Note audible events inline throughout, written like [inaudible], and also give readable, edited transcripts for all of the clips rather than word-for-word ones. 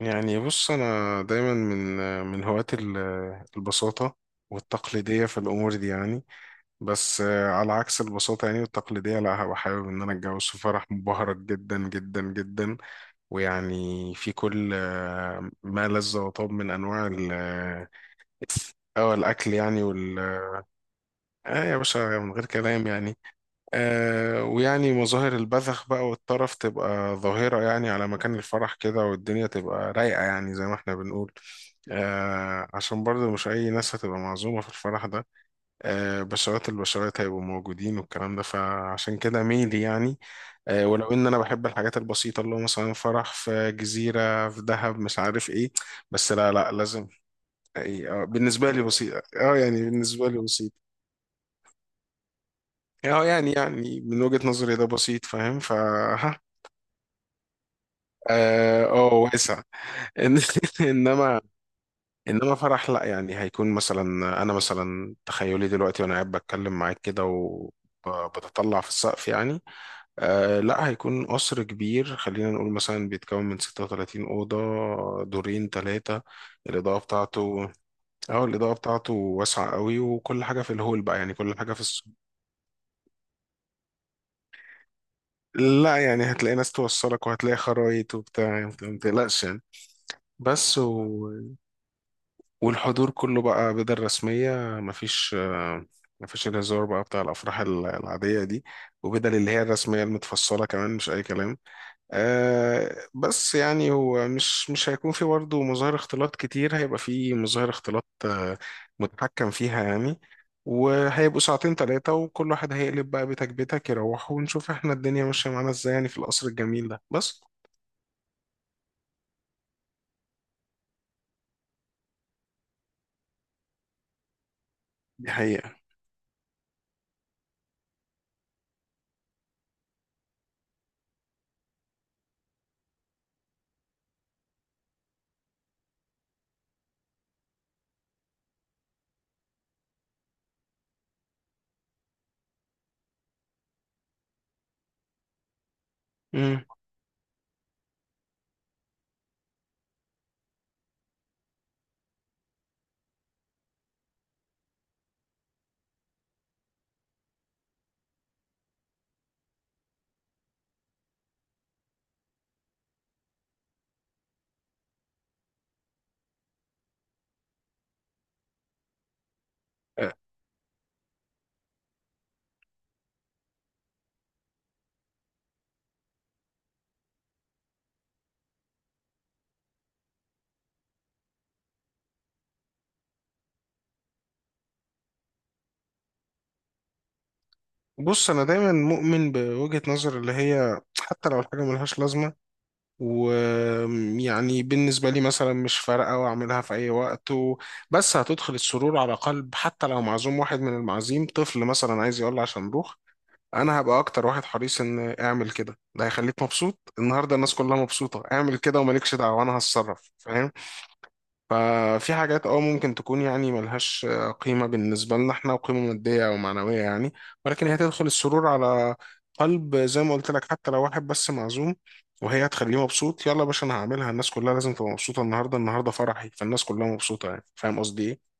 يعني بص انا دايما من هواة البساطه والتقليديه في الامور دي يعني. بس على عكس البساطه يعني والتقليديه، لا، هبقى حابب ان انا اتجوز في فرح مبهرج جدا جدا جدا، ويعني في كل ما لذ وطاب من انواع الاكل يعني وال اه يا باشا، من غير كلام يعني. ويعني مظاهر البذخ بقى والطرف تبقى ظاهرة يعني على مكان الفرح كده، والدنيا تبقى رايقة يعني زي ما احنا بنقول. عشان برضه مش أي ناس هتبقى معزومة في الفرح ده، بشرات البشرات هيبقوا موجودين والكلام ده، فعشان كده ميلي يعني. ولو إن أنا بحب الحاجات البسيطة اللي هو مثلا فرح في جزيرة في دهب مش عارف إيه، بس لا لا لازم إيه. بالنسبة لي بسيط يعني بالنسبة لي بسيط اه يعني من وجهة نظري ده بسيط فاهم ف [laughs] واسع. إن- [laughs] انما انما فرح، لا، يعني هيكون مثلا انا مثلا تخيلي دلوقتي وانا قاعد بتكلم معاك كده و بتطلع في السقف يعني. لا، هيكون قصر كبير، خلينا نقول مثلا بيتكون من 36 أوضة، دورين ثلاثة. الإضاءة بتاعته اه الإضاءة بتاعته واسعة قوي، وكل حاجة في الهول بقى يعني كل حاجة في الس... لا يعني هتلاقي ناس توصلك وهتلاقي خرايط وبتاع، ما تقلقش يعني. بس و... والحضور كله بقى بدل رسمية، مفيش آه، مفيش الهزار بقى بتاع الأفراح العادية دي، وبدل اللي هي الرسمية المتفصلة كمان مش أي كلام. بس يعني هو مش هيكون في برضه مظاهر اختلاط كتير، هيبقى في مظاهر اختلاط متحكم فيها يعني. وهيبقوا ساعتين تلاتة وكل واحد هيقلب بقى، بيتك بيتك يروح، ونشوف احنا الدنيا ماشية معانا ازاي يعني في القصر الجميل ده بس. دي حقيقة. مم. آه، بص، انا دايما مؤمن بوجهة نظر اللي هي حتى لو الحاجه ملهاش لازمه ويعني بالنسبه لي مثلا مش فارقه، واعملها في اي وقت بس هتدخل السرور على قلب، حتى لو معزوم واحد من المعازيم طفل مثلا عايز يقول عشان نروح، انا هبقى اكتر واحد حريص ان اعمل كده. ده هيخليك مبسوط النهارده، الناس كلها مبسوطه، اعمل كده ومالكش دعوه، انا هتصرف فاهم. ففي حاجات ممكن تكون يعني ملهاش قيمة بالنسبة لنا احنا، وقيمة مادية أو معنوية يعني. ولكن هي تدخل السرور على قلب زي ما قلت لك حتى لو واحد بس معزوم، وهي هتخليه مبسوط. يلا يا باشا، أنا هعملها. الناس كلها لازم تبقى مبسوطة النهاردة. النهاردة فرحي، فالناس كلها مبسوطة يعني. فاهم قصدي إيه؟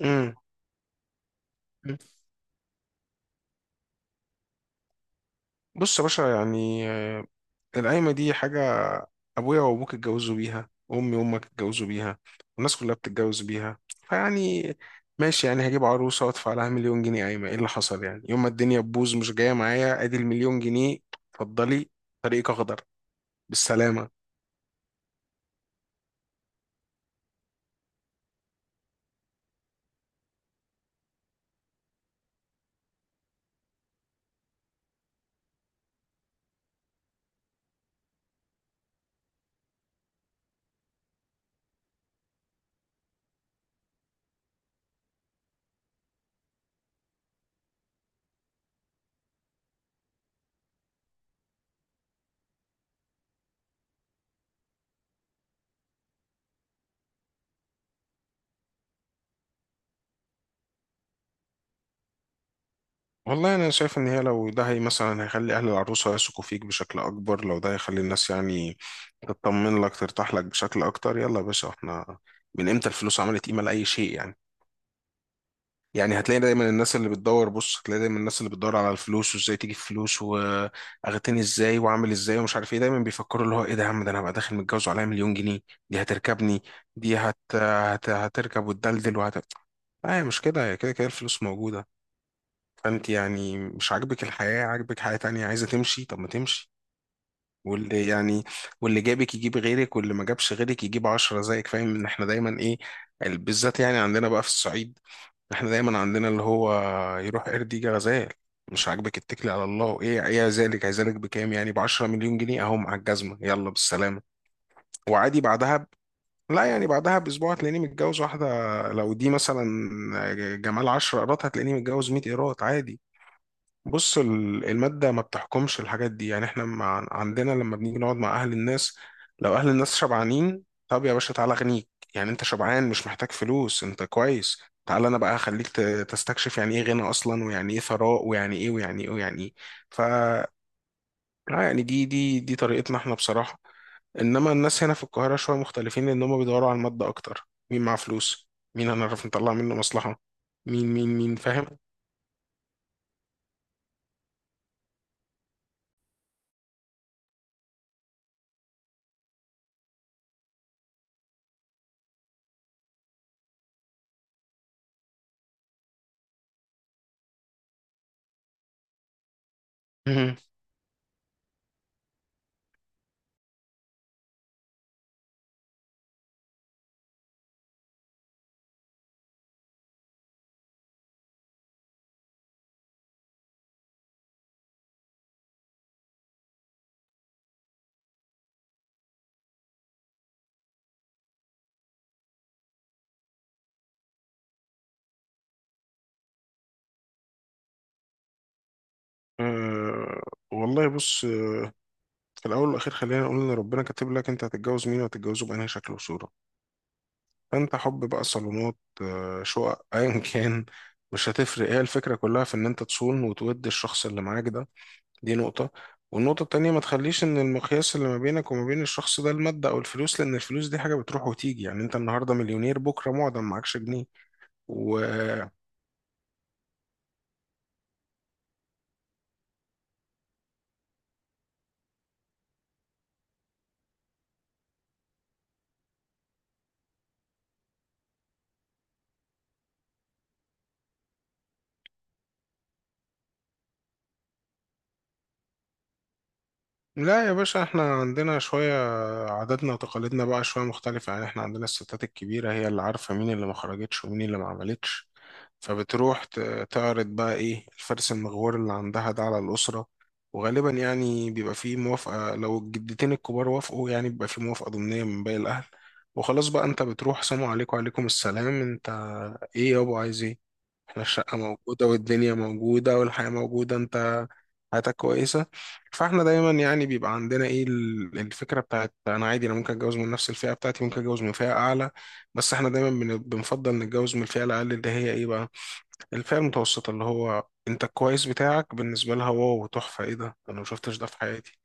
امم. بص يا باشا، يعني القايمة دي حاجة ابويا وابوك اتجوزوا بيها، وامي وامك اتجوزوا بيها، والناس كلها بتتجوز بيها، فيعني ماشي. يعني هجيب عروسه وادفع لها مليون جنيه قايمه، ايه اللي حصل يعني؟ يوم ما الدنيا تبوظ مش جايه معايا، ادي المليون جنيه اتفضلي، طريقك اخضر، بالسلامه. والله انا شايف ان هي لو ده هي مثلا هيخلي اهل العروسه يثقوا فيك بشكل اكبر، لو ده هيخلي الناس يعني تطمن لك، ترتاح لك بشكل اكتر، يلا يا باشا. احنا من امتى الفلوس عملت قيمه لاي شيء يعني؟ يعني هتلاقي دايما الناس اللي بتدور، بص، هتلاقي دايما الناس اللي بتدور على الفلوس، وازاي تجيب فلوس واغتني ازاي واعمل ازاي ومش عارف ايه. دايما بيفكروا اللي هو ايه ده يا عم، ده انا هبقى داخل متجوز وعليا مليون جنيه. دي هتركبني. دي هتركب وتدلدل لا، هي مش كده، هي كده كده الفلوس موجودة. فانت يعني مش عاجبك الحياة، عاجبك حياة تانية، عايزة تمشي طب ما تمشي. واللي يعني واللي جابك يجيب غيرك، واللي ما جابش غيرك يجيب عشرة زيك. فاهم ان احنا دايما ايه بالذات يعني عندنا بقى في الصعيد. احنا دايما عندنا اللي هو يروح قرد يجي غزال. مش عاجبك، اتكلي على الله. ايه ذلك هيذلك بكام؟ يعني ب 10 مليون جنيه اهو مع الجزمه، يلا بالسلامه. وعادي لا يعني بعدها باسبوع هتلاقيني متجوز واحده، لو دي مثلا جمال 10 قيراط هتلاقيني متجوز 100 قيراط عادي. بص المادة ما بتحكمش الحاجات دي يعني. احنا عندنا لما بنيجي نقعد مع أهل الناس، لو أهل الناس شبعانين، طب يا باشا تعالى أغنيك. يعني أنت شبعان مش محتاج فلوس، أنت كويس، تعالى أنا بقى أخليك تستكشف يعني إيه غنى أصلا، ويعني إيه ثراء، ويعني إيه ويعني إيه ويعني إيه. ف آه يعني دي طريقتنا احنا بصراحة. إنما الناس هنا في القاهرة شوية مختلفين لأن هم بيدوروا على المادة أكتر، مين معاه فلوس، مين هنعرف نطلع منه مصلحة، مين مين مين، فاهم؟ مهم. آه، والله بص، في الأول والأخير خلينا نقول إن ربنا كاتب لك أنت هتتجوز مين، وهتتجوزه بأنهي شكل وصورة. فأنت حب بقى، صالونات، شقق [laughs] أيا كان، مش هتفرق. هي الفكرة كلها في إن أنت تصون وتود الشخص اللي معاك ده. دي نقطة. والنقطة التانية، ما تخليش إن المقياس اللي ما بينك وما بين الشخص ده المادة أو الفلوس، لأن الفلوس دي حاجة بتروح وتيجي، يعني أنت النهاردة مليونير بكرة معدم معكش جنيه ولا. يا باشا، احنا عندنا شوية عاداتنا وتقاليدنا بقى شوية مختلفة يعني. احنا عندنا الستات الكبيرة هي اللي عارفة مين اللي ما خرجتش ومين اللي ما عملتش، فبتروح تعرض بقى ايه الفرس المغوار اللي عندها ده على الأسرة. وغالبا يعني بيبقى فيه موافقة، لو الجدتين الكبار وافقوا يعني بيبقى فيه موافقة ضمنية من باقي الأهل. وخلاص بقى انت بتروح، سلام عليكم وعليكم السلام. انت ايه يابا عايز ايه؟ احنا الشقة موجودة والدنيا موجودة والحياة موجودة، انت حياتك كويسة. فاحنا دايما يعني بيبقى عندنا ايه الفكرة بتاعت، انا عادي، انا ممكن اتجوز من نفس الفئة بتاعتي، ممكن اتجوز من فئة اعلى. بس احنا دايما بنفضل نتجوز من الفئة الاقل اللي هي ايه بقى، الفئة المتوسطة، اللي هو انت الكويس بتاعك بالنسبة لها واو تحفة، ايه ده، انا مشفتش ده في حياتي.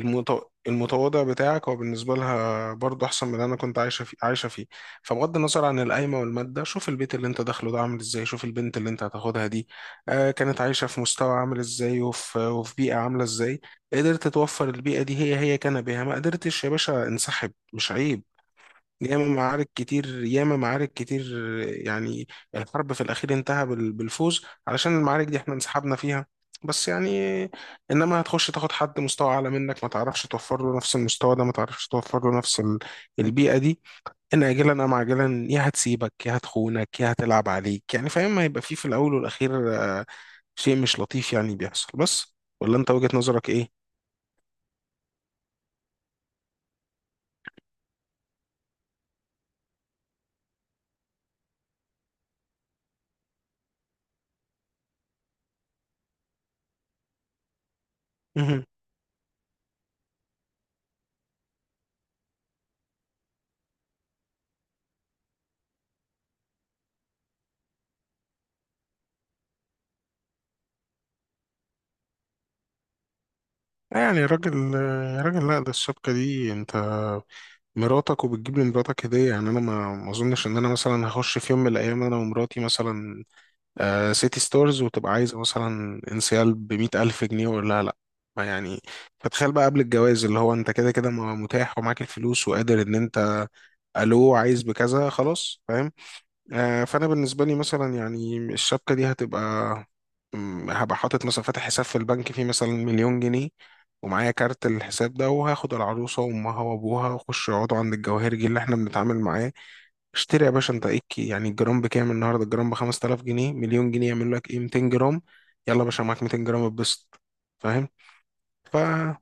المتو... المتواضع بتاعك هو بالنسبة لها برضه أحسن من اللي أنا كنت عايشة فيه، عايشة فيه. فبغض النظر عن القايمة والمادة، شوف البيت اللي أنت داخله ده عامل إزاي، شوف البنت اللي أنت هتاخدها دي كانت عايشة في مستوى عامل إزاي، وفي بيئة عاملة إزاي. قدرت توفر البيئة دي هي كان بها، ما قدرتش يا باشا، انسحب، مش عيب. ياما معارك كتير ياما معارك كتير يعني، الحرب في الأخير انتهى بالفوز، علشان المعارك دي احنا انسحبنا فيها. بس يعني انما هتخش تاخد حد مستوى اعلى منك، ما تعرفش توفر له نفس المستوى ده، ما تعرفش توفر له نفس البيئة دي، ان اجلا ام عاجلا، يا هتسيبك يا هتخونك يا هتلعب عليك يعني. فاهم، هيبقى فيه في الاول والاخير شيء مش لطيف يعني بيحصل بس. ولا انت وجهة نظرك ايه؟ [laughs] يعني راجل راجل، لا، ده الشبكة دي انت مراتك، وبتجيب لمراتك هدية يعني. انا ما اظنش ان انا مثلا هخش في يوم من الايام انا ومراتي مثلا سيتي ستورز وتبقى عايزة مثلا انسيال بمئة الف جنيه، ولا لا، ما يعني. فتخيل بقى قبل الجواز اللي هو انت كده كده ما متاح، ومعاك الفلوس وقادر ان انت الو عايز بكذا خلاص، فاهم. فانا بالنسبه لي مثلا يعني الشبكه دي هتبقى، هبقى حاطط مثلا فاتح حساب في البنك فيه مثلا مليون جنيه، ومعايا كارت الحساب ده، وهاخد العروسه وامها وابوها واخش يقعدوا عند الجواهرجي اللي احنا بنتعامل معاه، اشتري يا باشا. انت ايه يعني الجرام بكام النهارده؟ الجرام ب 5000 جنيه، مليون جنيه يعمل لك ايه؟ 200 جرام. يلا يا باشا، معاك 200 جرام، اتبسط، فاهم.